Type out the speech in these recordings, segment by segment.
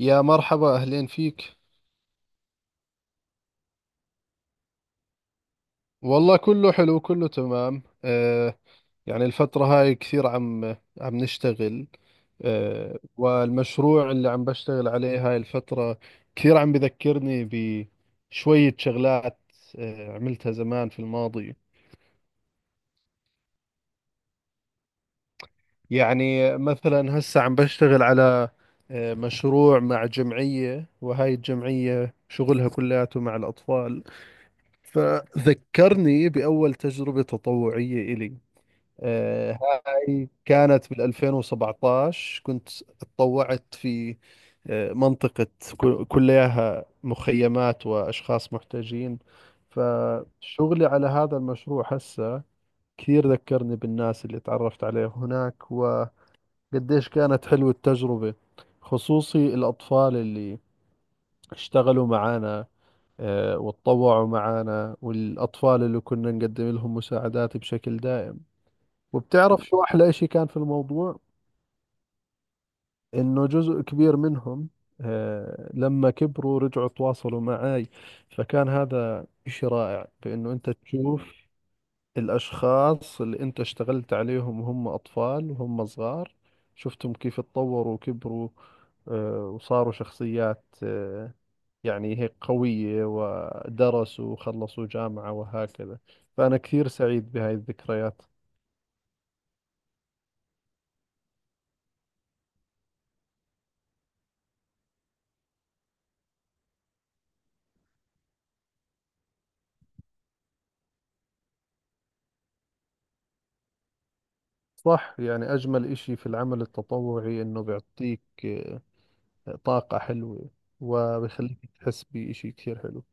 يا مرحبا، أهلين فيك. والله كله حلو، كله تمام. يعني الفترة هاي كثير عم نشتغل. والمشروع اللي عم بشتغل عليه هاي الفترة كثير عم بذكرني بشوية شغلات عملتها زمان في الماضي. يعني مثلا هسا عم بشتغل على مشروع مع جمعية، وهاي الجمعية شغلها كلياته مع الأطفال. فذكرني بأول تجربة تطوعية إلي. آه، هاي كانت بال 2017، كنت اتطوعت في منطقة كلها مخيمات وأشخاص محتاجين. فشغلي على هذا المشروع هسه كثير ذكرني بالناس اللي تعرفت عليه هناك، وقديش كانت حلوة التجربة! خصوصي الأطفال اللي اشتغلوا معانا وتطوعوا معانا، والأطفال اللي كنا نقدم لهم مساعدات بشكل دائم. وبتعرف شو أحلى إشي كان في الموضوع؟ انه جزء كبير منهم لما كبروا رجعوا تواصلوا معاي. فكان هذا شيء رائع، بانه انت تشوف الاشخاص اللي انت اشتغلت عليهم وهم اطفال وهم صغار، شفتهم كيف اتطوروا وكبروا وصاروا شخصيات يعني هيك قوية، ودرسوا وخلصوا جامعة وهكذا. فأنا كثير سعيد بهاي الذكريات. صح، يعني أجمل إشي في العمل التطوعي إنه بيعطيك طاقة حلوة، وبيخليك تحس بإشي كثير حلو.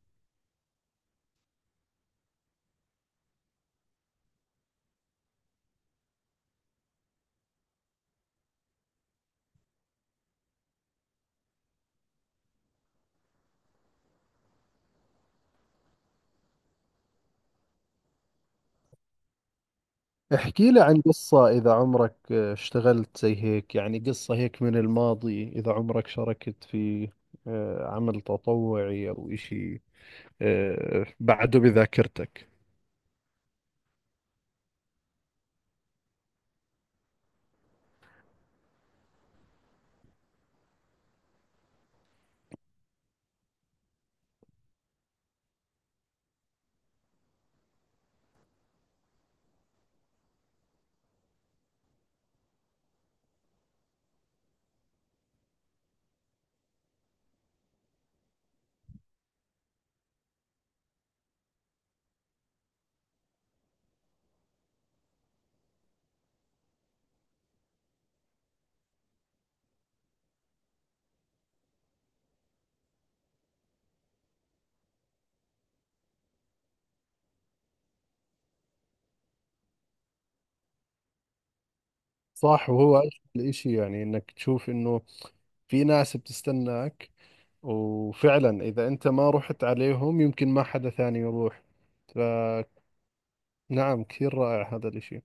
احكي لي عن قصة، إذا عمرك اشتغلت زي هيك، يعني قصة هيك من الماضي، إذا عمرك شاركت في عمل تطوعي أو إشي بعده بذاكرتك. صح، وهو أجمل إشي يعني إنك تشوف إنه في ناس بتستناك، وفعلا إذا أنت ما رحت عليهم يمكن ما حدا ثاني يروح، فنعم، كثير رائع هذا الإشي.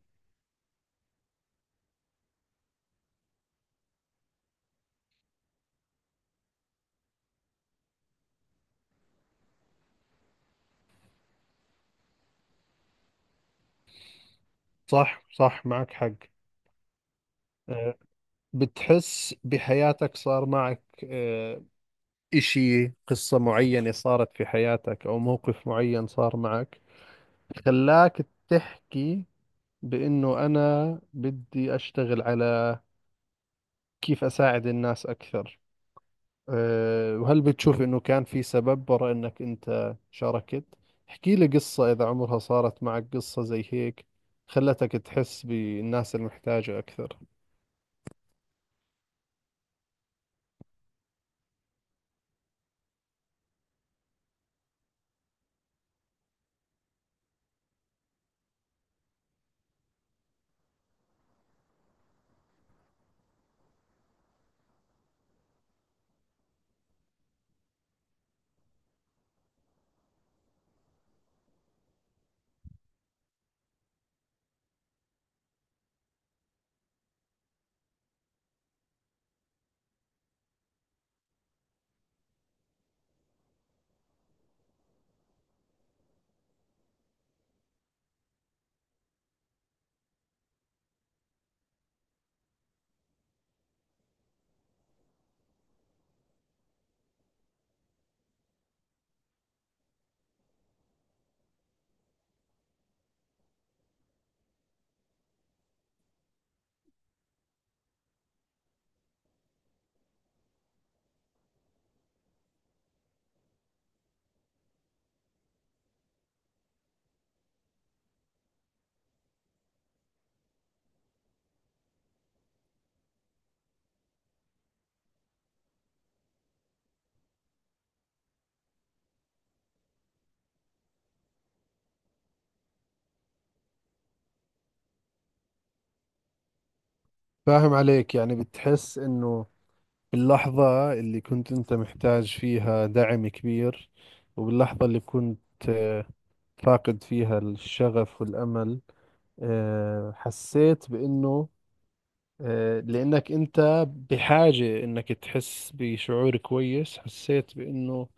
صح صح، معك حق. آه، بتحس بحياتك صار معك إشي، قصة معينة صارت في حياتك أو موقف معين صار معك، خلاك تحكي بإنه أنا بدي أشتغل على كيف أساعد الناس أكثر، وهل بتشوف إنه كان في سبب وراء إنك أنت شاركت؟ احكي لي قصة إذا عمرها صارت معك قصة زي هيك، خلتك تحس بالناس المحتاجة أكثر. فاهم عليك، يعني بتحس إنه اللحظة اللي كنت أنت محتاج فيها دعم كبير، وباللحظة اللي كنت فاقد فيها الشغف والأمل، حسيت بأنه لأنك أنت بحاجة أنك تحس بشعور كويس، حسيت بأنه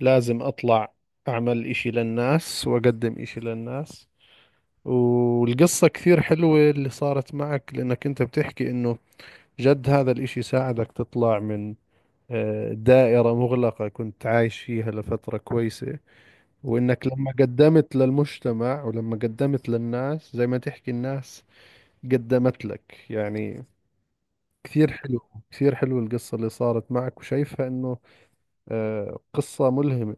لازم أطلع أعمل إشي للناس وأقدم إشي للناس. والقصة كثير حلوة اللي صارت معك، لأنك أنت بتحكي أنه جد هذا الإشي ساعدك تطلع من دائرة مغلقة كنت عايش فيها لفترة كويسة. وإنك لما قدمت للمجتمع ولما قدمت للناس، زي ما تحكي الناس قدمت لك يعني. كثير حلو، كثير حلو القصة اللي صارت معك، وشايفها إنه قصة ملهمة.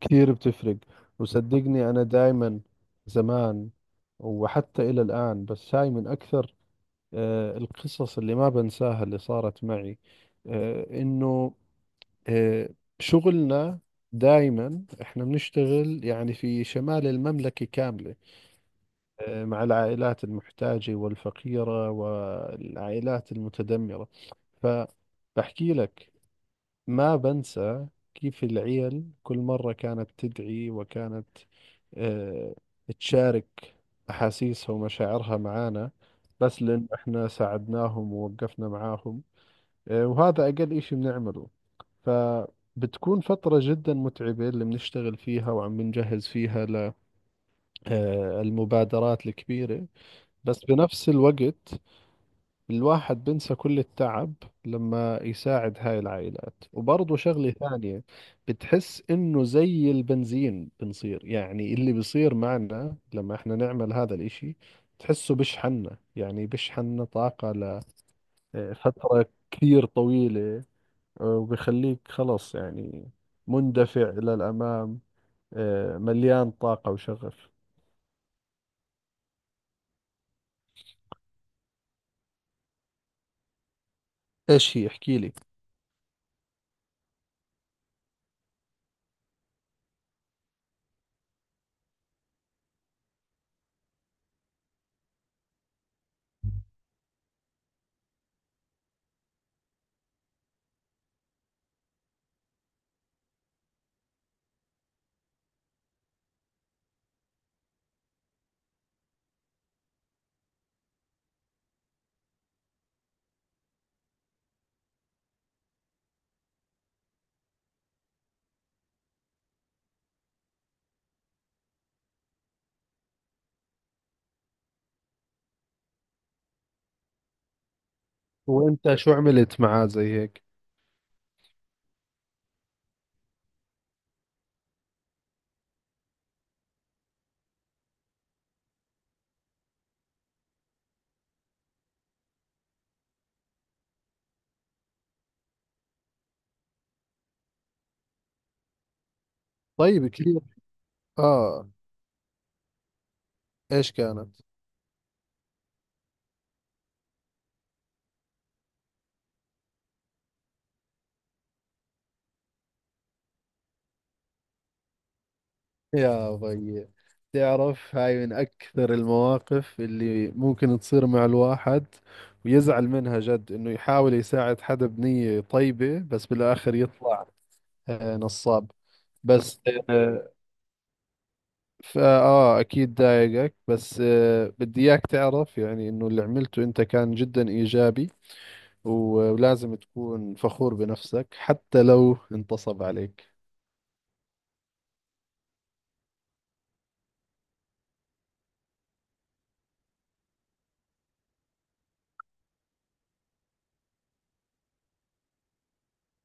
كثير بتفرق، وصدقني أنا دائما زمان وحتى إلى الآن، بس هاي من أكثر القصص اللي ما بنساها اللي صارت معي. إنه آه، شغلنا، دائما احنا بنشتغل يعني في شمال المملكة كاملة، مع العائلات المحتاجة والفقيرة والعائلات المتدمرة. فبحكي لك، ما بنسى كيف العيل كل مرة كانت تدعي، وكانت آه، تشارك أحاسيسها ومشاعرها معانا، بس لأن احنا ساعدناهم ووقفنا معاهم، وهذا أقل إشي بنعمله. فبتكون فترة جدا متعبة اللي بنشتغل فيها وعم بنجهز فيها للمبادرات الكبيرة. بس بنفس الوقت، الواحد بنسى كل التعب لما يساعد هاي العائلات، وبرضه شغلة ثانية، بتحس إنه زي البنزين بنصير يعني، اللي بيصير معنا لما إحنا نعمل هذا الإشي تحسه بشحننا، يعني بشحننا طاقة لفترة كثير طويلة، وبيخليك خلاص يعني مندفع إلى الأمام، مليان طاقة وشغف. ايش هي، احكي لي. وانت شو عملت معاه زي هيك؟ طيب، كثير. اه. ايش كانت؟ يا ضي. تعرف هاي من أكثر المواقف اللي ممكن تصير مع الواحد، ويزعل منها جد، إنه يحاول يساعد حدا بنية طيبة بس بالآخر يطلع نصاب. بس آه، أكيد ضايقك، بس بدي إياك تعرف، يعني إنه اللي عملته أنت كان جدا إيجابي، ولازم تكون فخور بنفسك حتى لو انتصب عليك.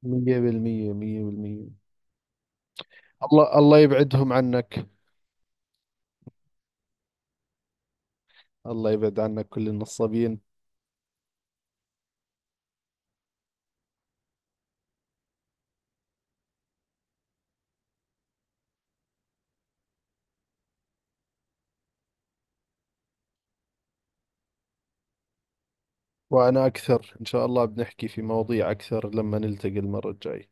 مية بالمية، مية بالمية. الله، الله يبعدهم عنك. الله يبعد عنك كل النصابين. وأنا أكثر، إن شاء الله بنحكي في مواضيع أكثر لما نلتقي المرة الجاية.